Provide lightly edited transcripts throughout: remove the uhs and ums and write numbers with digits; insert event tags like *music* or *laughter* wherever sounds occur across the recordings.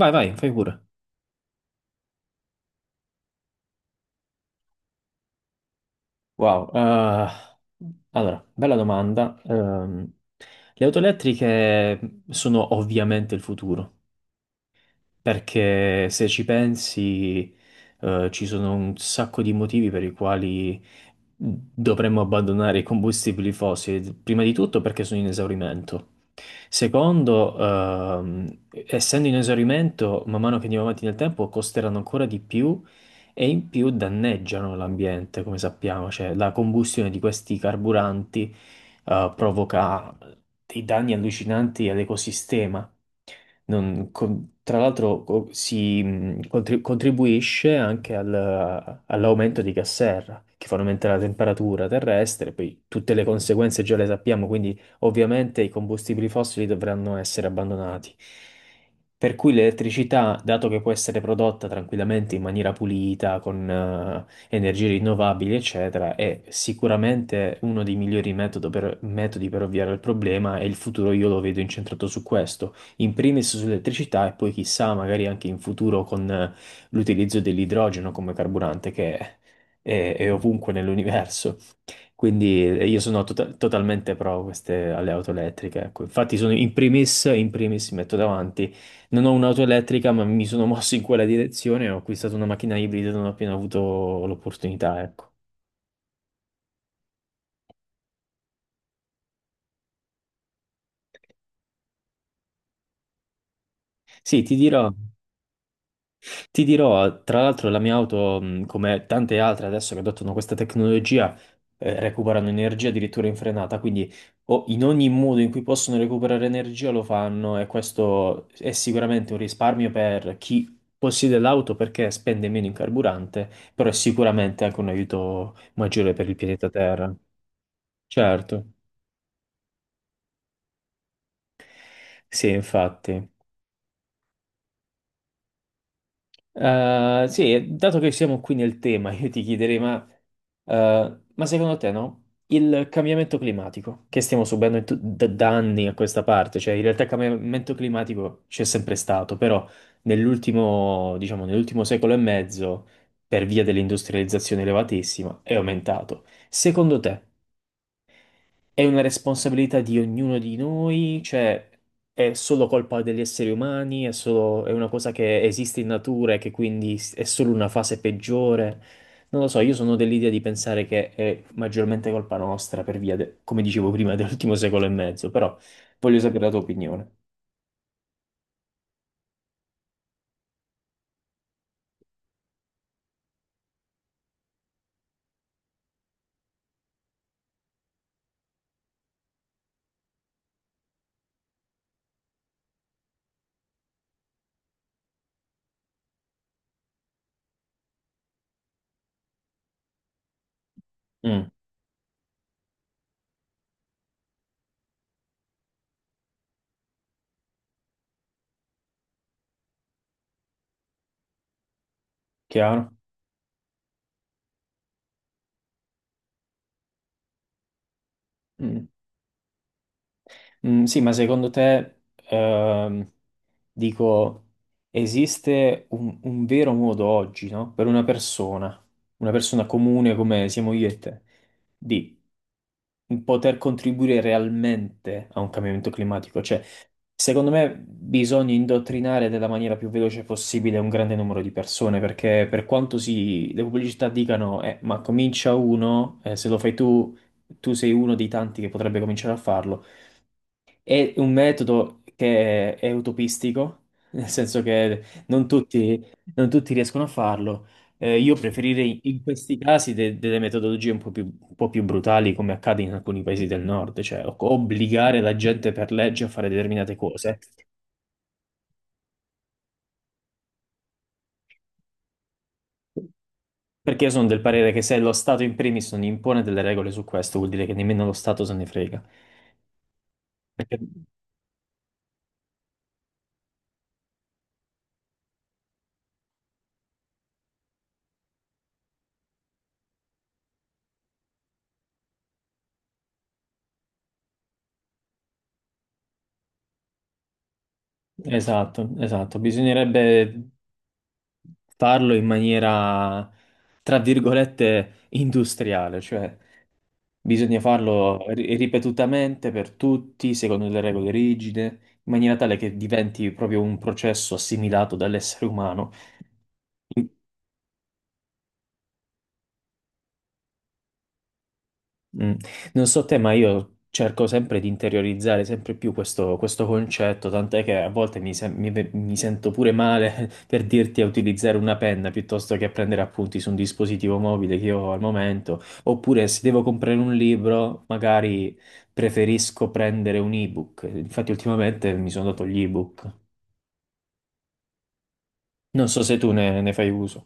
Vai, vai, fai pure. Wow, allora, bella domanda. Le auto elettriche sono ovviamente il futuro, perché se ci pensi, ci sono un sacco di motivi per i quali dovremmo abbandonare i combustibili fossili. Prima di tutto perché sono in esaurimento. Secondo, essendo in esaurimento, man mano che andiamo avanti nel tempo, costeranno ancora di più e in più danneggiano l'ambiente, come sappiamo. Cioè, la combustione di questi carburanti, provoca dei danni allucinanti all'ecosistema. Tra l'altro contribuisce anche all'aumento di gas serra, che fa aumentare la temperatura terrestre, poi tutte le conseguenze già le sappiamo, quindi ovviamente i combustibili fossili dovranno essere abbandonati. Per cui l'elettricità, dato che può essere prodotta tranquillamente in maniera pulita, con energie rinnovabili, eccetera, è sicuramente uno dei metodi per ovviare al problema e il futuro io lo vedo incentrato su questo, in primis sull'elettricità e poi chissà, magari anche in futuro con l'utilizzo dell'idrogeno come carburante che è ovunque nell'universo. Quindi io sono totalmente pro queste, alle auto elettriche. Ecco. Infatti sono in primis mi metto davanti. Non ho un'auto elettrica, ma mi sono mosso in quella direzione. Ho acquistato una macchina ibrida non ho appena avuto l'opportunità, ecco. Sì, ti dirò. Ti dirò, tra l'altro, la mia auto, come tante altre adesso che adottano questa tecnologia, recuperano energia addirittura in frenata, quindi o in ogni modo in cui possono recuperare energia lo fanno e questo è sicuramente un risparmio per chi possiede l'auto perché spende meno in carburante, però è sicuramente anche un aiuto maggiore per il pianeta Terra. Certo. Sì, infatti. Sì, dato che siamo qui nel tema, *laughs* io ti chiederei, ma secondo te, no? Il cambiamento climatico che stiamo subendo in da anni a questa parte, cioè in realtà il cambiamento climatico c'è sempre stato, però nell'ultimo, diciamo, nell'ultimo secolo e mezzo, per via dell'industrializzazione elevatissima, è aumentato. Secondo te? È una responsabilità di ognuno di noi, cioè è solo colpa degli esseri umani, è solo, è una cosa che esiste in natura e che quindi è solo una fase peggiore. Non lo so, io sono dell'idea di pensare che è maggiormente colpa nostra per via, come dicevo prima, *laughs* dell'ultimo secolo e mezzo, però voglio sapere la tua opinione. Mm, chiaro? Mm. Mm, sì, ma secondo te, ehm, dico, esiste un vero modo oggi, no? Per una persona comune come siamo io e te, di poter contribuire realmente a un cambiamento climatico? Cioè, secondo me bisogna indottrinare nella maniera più veloce possibile un grande numero di persone, perché per quanto si, le pubblicità dicano, ma comincia uno, se lo fai tu, tu sei uno dei tanti che potrebbe cominciare a farlo. È un metodo che è utopistico, *laughs* nel senso che non tutti, non tutti riescono a farlo. Io preferirei in questi casi delle metodologie un po' più brutali, come accade in alcuni paesi del nord, cioè obbligare la gente per legge a fare determinate cose. Perché io sono del parere che se lo Stato in primis non impone delle regole su questo, vuol dire che nemmeno lo Stato se ne frega. Esatto, esatto. Bisognerebbe farlo in maniera, tra virgolette, industriale, cioè bisogna farlo ripetutamente per tutti, secondo delle regole rigide, in maniera tale che diventi proprio un processo assimilato dall'essere umano. Mm. Non so te, ma io cerco sempre di interiorizzare sempre più questo, questo concetto, tant'è che a volte mi sento pure male *laughs* per dirti a utilizzare una penna piuttosto che a prendere appunti su un dispositivo mobile che io ho al momento, oppure se devo comprare un libro, magari preferisco prendere un ebook. Infatti ultimamente mi sono dato gli ebook. Non so se tu ne fai uso.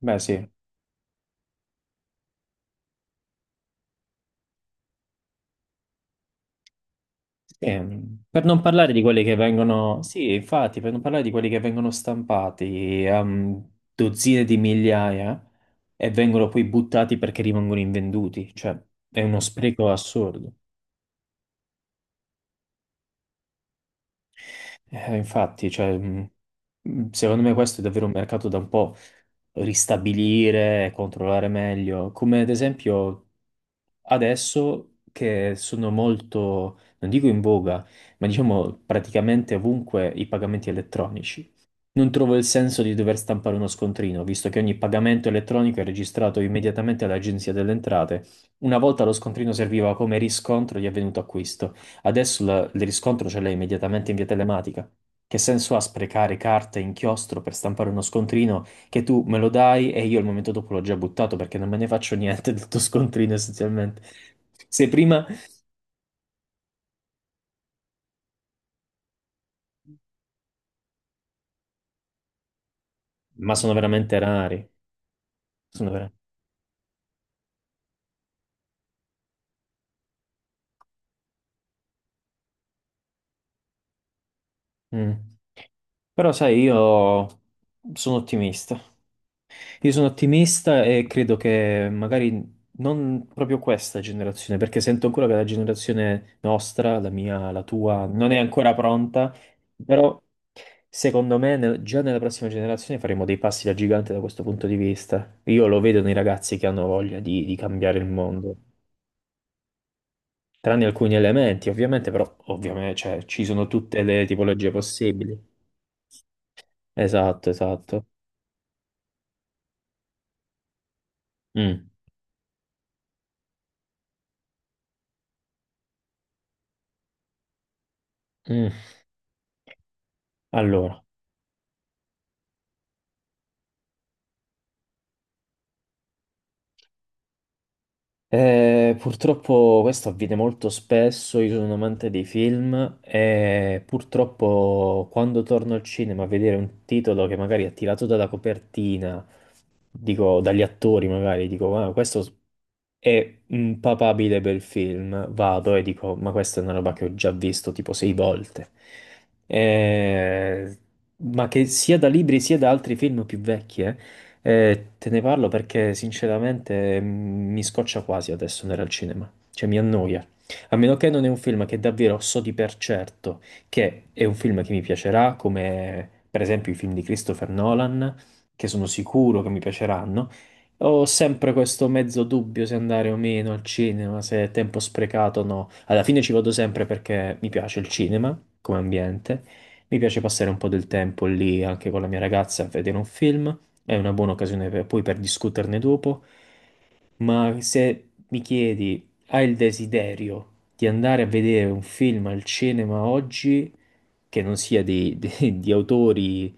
Beh, sì. Per non parlare di quelli che vengono, sì, infatti, per non parlare di quelli che vengono stampati a dozzine di migliaia e vengono poi buttati perché rimangono invenduti, cioè è uno spreco assurdo. Infatti, cioè, secondo me questo è davvero un mercato da un po' ristabilire e controllare meglio, come ad esempio adesso che sono molto, non dico in voga, ma diciamo praticamente ovunque i pagamenti elettronici. Non trovo il senso di dover stampare uno scontrino, visto che ogni pagamento elettronico è registrato immediatamente all'Agenzia delle Entrate. Una volta lo scontrino serviva come riscontro di avvenuto acquisto, adesso il riscontro ce l'hai immediatamente in via telematica. Che senso ha sprecare carta e inchiostro per stampare uno scontrino che tu me lo dai e io il momento dopo l'ho già buttato perché non me ne faccio *laughs* niente del tuo scontrino essenzialmente. Se prima... Ma sono veramente rari. Sono vera- Mm. Però sai, io sono ottimista. Io sono ottimista e credo che magari non proprio questa generazione, perché sento ancora che la generazione nostra, la mia, la tua, non è ancora pronta, però secondo me già nella prossima generazione faremo dei passi da gigante da questo punto di vista. Io lo vedo nei ragazzi che hanno voglia di cambiare il mondo, tranne alcuni elementi, ovviamente, però ovviamente cioè, ci sono tutte le tipologie possibili. Esatto, esatto. Mm, mm. Allora. Purtroppo questo avviene molto spesso, io sono un amante dei film e purtroppo quando torno al cinema a vedere un titolo che magari è tirato dalla copertina, dico dagli attori magari, dico ah, questo è un papabile bel film, vado e dico ma questa è una roba che ho già visto tipo sei volte. Eh, ma che sia da libri sia da altri film più vecchi, te ne parlo perché sinceramente mi scoccia quasi adesso andare al cinema, cioè mi annoia. A meno che non è un film che davvero so di per certo che è un film che mi piacerà, come per esempio i film di Christopher Nolan, che sono sicuro che mi piaceranno. Ho sempre questo mezzo dubbio se andare o meno al cinema, se è tempo sprecato o no. Alla fine ci vado sempre perché mi piace il cinema come ambiente, mi piace passare un po' del tempo lì anche con la mia ragazza a vedere un film, è una buona occasione poi per discuterne dopo, ma se mi chiedi, hai il desiderio di andare a vedere un film al cinema oggi che non sia di, *laughs* di autori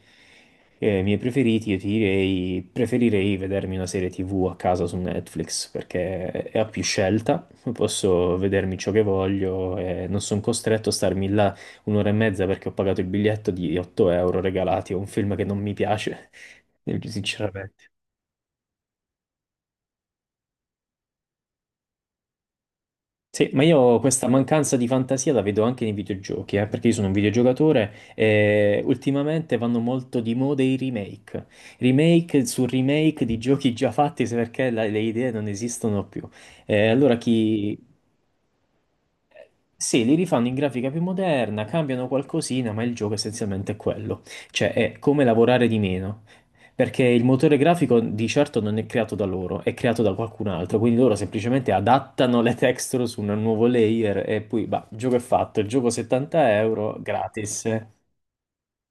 miei preferiti, io ti direi, preferirei vedermi una serie TV a casa su Netflix perché ho più scelta, posso vedermi ciò che voglio e non sono costretto a starmi là un'ora e mezza perché ho pagato il biglietto di 8 euro regalati a un film che non mi piace, sinceramente. Sì, ma io questa mancanza di fantasia la vedo anche nei videogiochi, perché io sono un videogiocatore e ultimamente vanno molto di moda i remake. Remake su remake di giochi già fatti se perché le idee non esistono più. Allora chi, sì, li rifanno in grafica più moderna, cambiano qualcosina, ma il gioco essenzialmente è quello. Cioè, è come lavorare di meno. Perché il motore grafico di certo non è creato da loro, è creato da qualcun altro. Quindi loro semplicemente adattano le texture su un nuovo layer e poi, bah, il gioco è fatto. Il gioco 70 euro, gratis.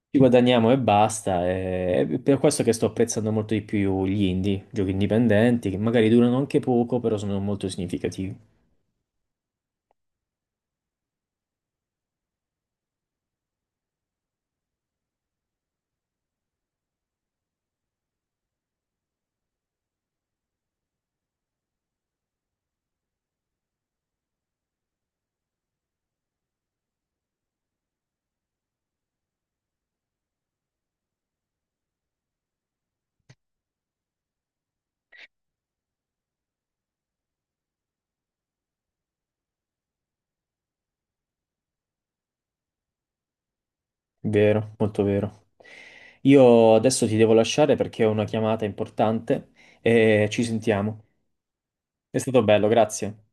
Ci guadagniamo e basta. E è per questo che sto apprezzando molto di più gli indie, giochi indipendenti, che magari durano anche poco, però sono molto significativi. Vero, molto vero. Io adesso ti devo lasciare perché ho una chiamata importante e ci sentiamo. È stato bello, grazie.